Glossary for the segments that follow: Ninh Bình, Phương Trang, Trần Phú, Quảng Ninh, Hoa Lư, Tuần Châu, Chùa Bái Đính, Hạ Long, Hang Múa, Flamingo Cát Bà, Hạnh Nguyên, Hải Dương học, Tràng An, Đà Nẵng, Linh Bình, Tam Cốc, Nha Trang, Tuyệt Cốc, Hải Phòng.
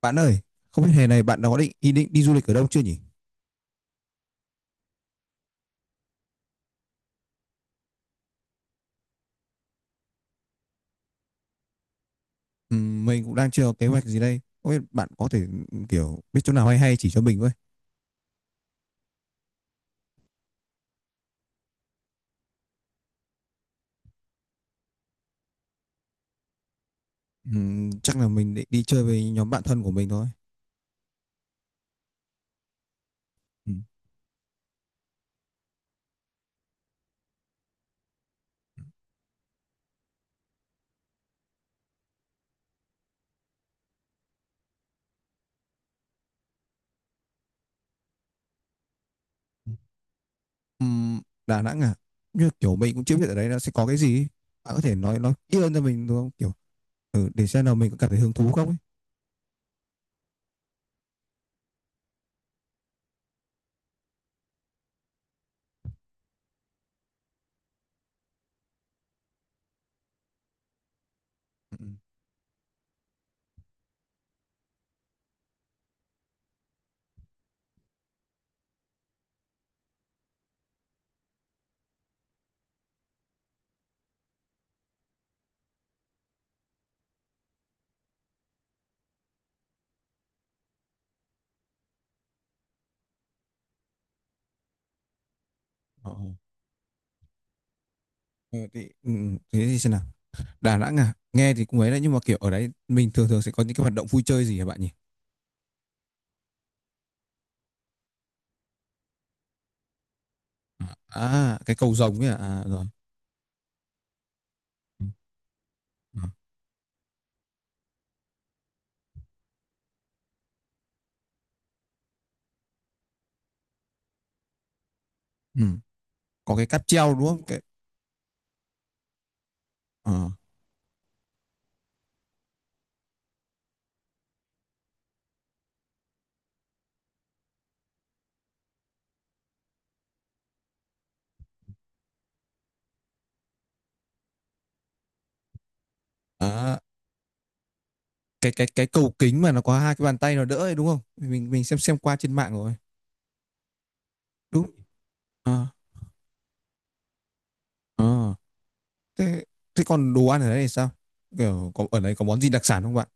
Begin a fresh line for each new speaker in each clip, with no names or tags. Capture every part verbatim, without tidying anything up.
Bạn ơi, không biết hè này bạn đã có định ý định đi du lịch ở đâu chưa nhỉ? Ừm, mình cũng đang chưa có kế hoạch gì đây. Không biết bạn có thể ừ, kiểu biết chỗ nào hay hay chỉ cho mình với. Ừm, chắc là mình định đi chơi với nhóm bạn thân của mình thôi. Ừm. Ừm, Đà Nẵng à? Như kiểu mình cũng chưa biết ở đấy nó sẽ có cái gì. ấy. Bạn có thể nói nói kỹ hơn cho mình được không? Kiểu ừ, để xem nào mình có cảm thấy hứng thú không ấy. Ừm. Ờ, ờ, ừ, ờ, thì, ừm, thế thì xem nào. Đà Nẵng à? Nghe thì cũng ấy đấy, nhưng mà kiểu ở đấy mình thường thường sẽ có những cái hoạt động vui chơi gì hả bạn nhỉ? À, cái cầu rồng ấy à? À rồi. Ừ. Ừ. Có cái cáp treo đúng không? Cái ờ. Đó. cái cái cái cầu kính mà nó có hai cái bàn tay nó đỡ ấy, đúng không? Mình mình xem xem qua trên mạng rồi, đúng. ờ ờ thế thế còn đồ ăn ở đây thì sao? Kiểu có ở đây có món gì đặc sản không bạn?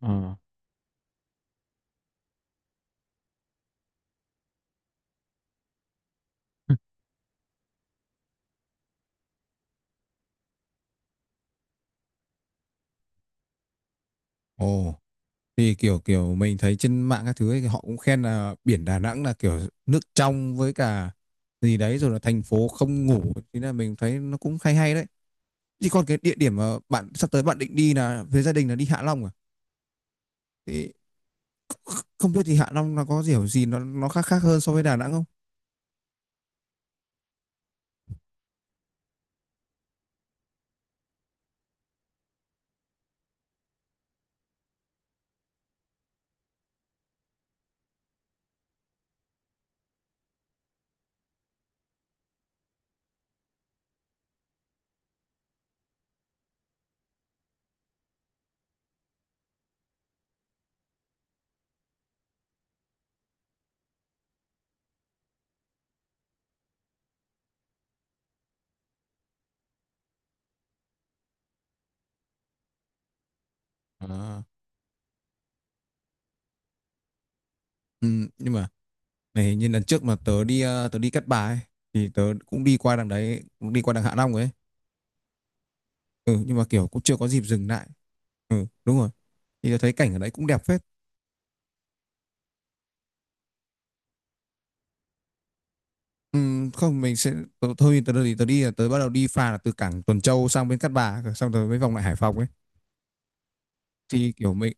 Ờ. Ồ, thì kiểu kiểu mình thấy trên mạng các thứ ấy, thì họ cũng khen là biển Đà Nẵng là kiểu nước trong với cả gì đấy, rồi là thành phố không ngủ, thế là mình thấy nó cũng hay hay đấy. Chỉ còn cái địa điểm mà bạn sắp tới bạn định đi là với gia đình là đi Hạ Long à? Thì không biết thì Hạ Long nó có kiểu gì, nó nó khác khác hơn so với Đà Nẵng không? À, ừ, nhưng mà này, như lần trước mà tớ đi ờ, tớ đi Cát Bà ấy, thì tớ cũng đi qua đằng đấy, cũng đi qua đằng Hạ Long ấy. Ừ, nhưng mà kiểu cũng chưa có dịp dừng lại. Ừ, đúng rồi. Thì tớ thấy cảnh ở đấy cũng đẹp phết. Ừ, không mình sẽ tớ, thôi Tớ đi, tớ đi là tớ bắt đầu đi phà là từ cảng Tuần Châu sang bên Cát Bà, xong rồi mới vòng lại Hải Phòng ấy, thì kiểu mình,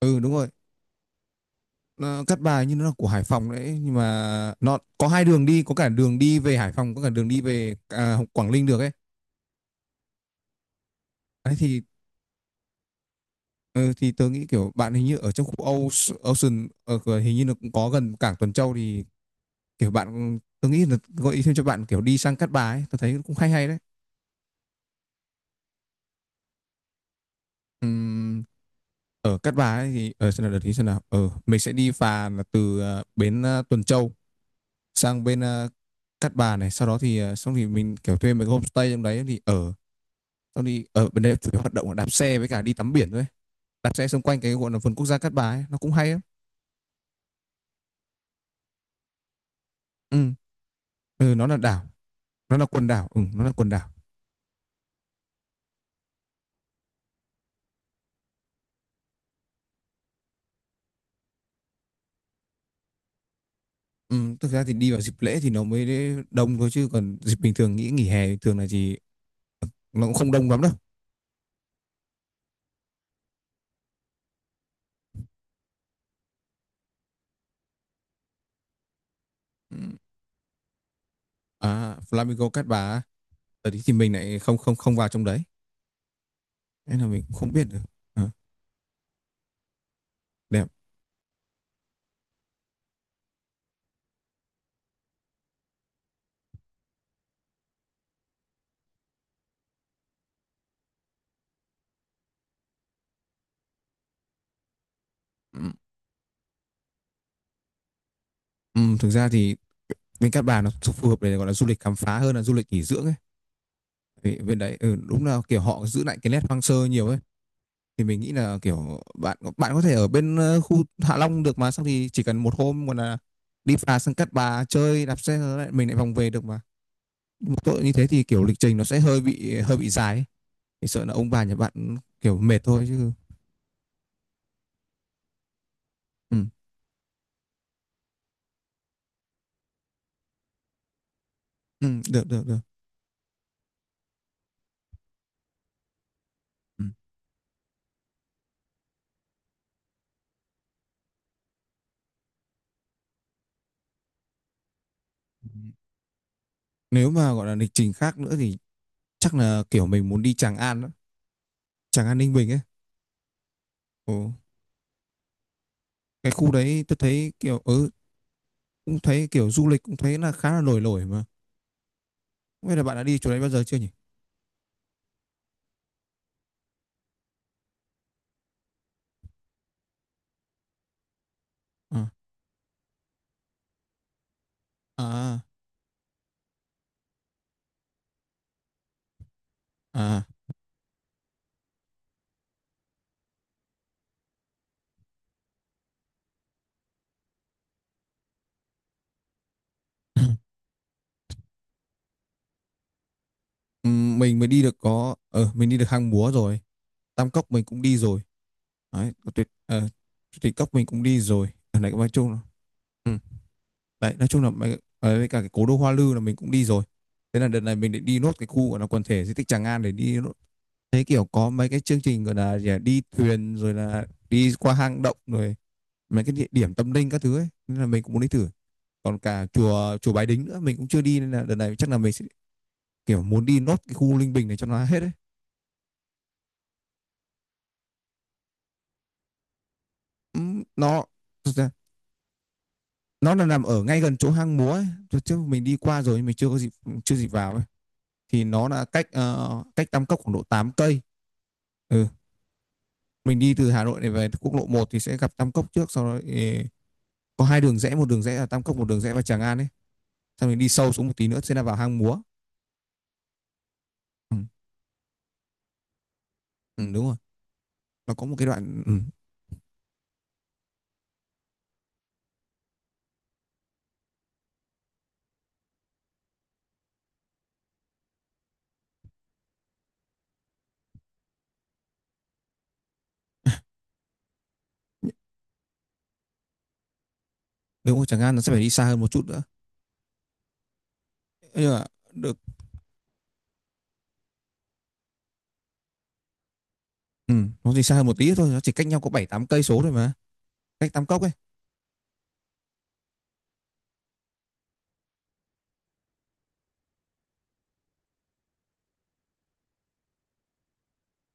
ừ, đúng rồi. Ờ, Cát Bài như nó là của Hải Phòng đấy, nhưng mà nó có hai đường đi, có cả đường đi về Hải Phòng, có cả đường đi về à, Quảng Ninh được ấy. Đấy thì ờ, thì tớ nghĩ kiểu bạn hình như ở trong khu Âu- Ocean ở cửa- hình như nó cũng có gần cảng Tuần Châu, thì kiểu bạn, tớ nghĩ là gợi ý thêm cho bạn kiểu đi sang Cát Bà ấy, tớ thấy cũng hay hay đấy. Ừm, ở Cát Bà ấy thì ở, xem nào, đợt thì xem nào, ở mình sẽ đi phà là từ ờ, bến ờ, Tuần Châu sang bên ờ, Cát Bà này. Sau đó thì ờ, xong thì mình kiểu thuê mấy cái homestay trong đấy thì ở, xong thì ở bên đấy chủ yếu hoạt động là đạp xe với cả đi tắm biển thôi. Đạp xe xung quanh cái gọi là vườn quốc gia Cát Bà ấy, nó cũng hay lắm. Ừ. Ừ, nó là đảo, nó là quần đảo, ừ, nó là quần đảo. Ừ, thực ra thì đi vào dịp lễ thì nó mới đông thôi, chứ còn dịp bình thường, nghĩ nghỉ hè bình thường là gì, nó cũng không đông lắm đâu. Ừ. À, Flamingo Cát Bà á, ở đấy thì mình lại không không không vào trong đấy, nên là mình cũng không biết được. Ờ, đẹp. Ừ. Ừ, thực ra thì bên Cát Bà nó phù hợp để gọi là du lịch khám phá hơn là du lịch nghỉ dưỡng ấy, vì bên đấy, ừ, đúng là kiểu họ giữ lại cái nét hoang sơ nhiều ấy. Thì mình nghĩ là kiểu bạn bạn có thể ở bên ờ, khu Hạ Long được mà, xong thì chỉ cần một hôm còn là đi phà sang Cát Bà chơi đạp xe rồi lại mình lại vòng về được mà. Một tội như thế thì kiểu lịch trình nó sẽ hơi bị hơi bị dài ấy. Thì sợ là ông bà nhà bạn kiểu mệt thôi chứ. Ừ, ừ, được được được. Ừ. Nếu mà gọi là lịch trình khác nữa thì chắc là kiểu mình muốn đi Tràng An đó. Tràng An Ninh Bình ấy. Ồ. Cái khu đấy tôi thấy kiểu, ừ, cũng thấy kiểu du lịch, cũng thấy là khá là nổi nổi mà, không biết là bạn đã đi chỗ đấy bao giờ chưa nhỉ? À, à, à. Ừm, mình mới đi được có ờ mình đi được Hang Múa rồi, Tam Cốc mình cũng đi rồi, đấy có tuyệt, ờ, Tuyệt Cốc mình cũng đi rồi ở này, nói chung là, ừ, đấy nói chung là mấy- ờ, với cả cái cố đô Hoa Lư là mình cũng đi rồi. Thế là đợt này mình định đi nốt cái khu gọi là quần thể di tích Tràng An để đi nốt. Thế kiểu có mấy cái chương trình gọi là gì, à, đi thuyền rồi là đi qua hang động rồi mấy cái địa điểm tâm linh các thứ ấy, nên là mình cũng muốn đi thử. Còn cả chùa chùa Bái Đính nữa mình cũng chưa đi, nên là đợt này chắc là mình sẽ kiểu muốn đi nốt cái khu Linh Bình này cho nó hết đấy. nó nó là nằm ở ngay gần chỗ hang múa ấy. Trước mình đi qua rồi nhưng mình chưa có dịp, chưa dịp vào ấy. Thì nó là cách ờ, cách Tam Cốc khoảng độ tám cây. Ừ. Mình đi từ Hà Nội này về quốc lộ một thì sẽ gặp Tam Cốc trước, sau đó, ê, có hai đường rẽ, một đường rẽ là Tam Cốc, một đường rẽ vào Tràng An ấy. Sau mình đi sâu xuống một tí nữa sẽ là vào hang múa. Ừ. Ừ, đúng rồi, nó có một cái đoạn, ừ. Nếu mà chẳng hạn nó sẽ phải đi xa hơn một chút nữa. Nhưng mà được. Ừ, nó đi xa hơn một tí thôi, nó chỉ cách nhau có bảy tám cây số thôi mà. Cách Tam Cốc ấy.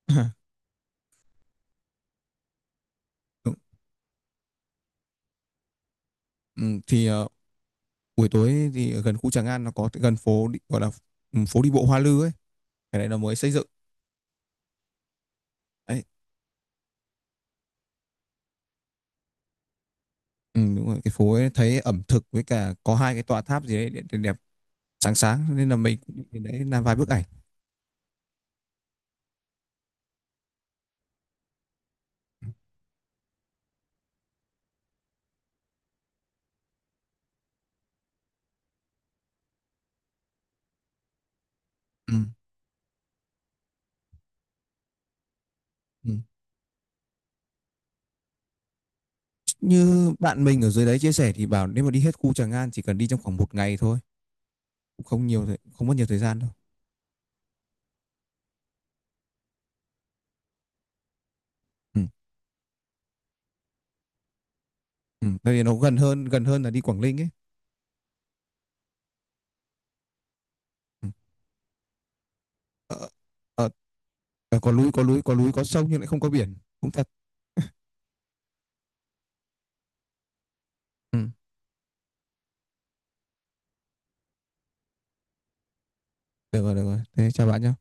Ừ, thì ờ, buổi tối thì ở gần khu Tràng An nó có gần phố đi, gọi là, ừ, phố đi bộ Hoa Lư ấy, cái này nó mới xây dựng. Đấy. Ừ, đúng rồi, cái phố ấy thấy ẩm thực với cả có hai cái tòa tháp gì đấy đẹp, đẹp đẹp sáng sáng, nên là mình cũng nhìn đấy làm vài bức ảnh. Ừ. Ừ. Như bạn mình ở dưới đấy chia sẻ thì bảo nếu mà đi hết khu Tràng An chỉ cần đi trong khoảng một ngày thôi, cũng không nhiều thời- không mất nhiều thời gian đâu. Ừ. Ừ, tại vì nó gần hơn gần hơn là đi Quảng Ninh ấy. Ừ. Ờ, ờ, ờ, có núi, có núi có núi, có sông, nhưng lại không có biển, cũng thật. Ừ. Được rồi, được rồi, thế chào bạn nhé.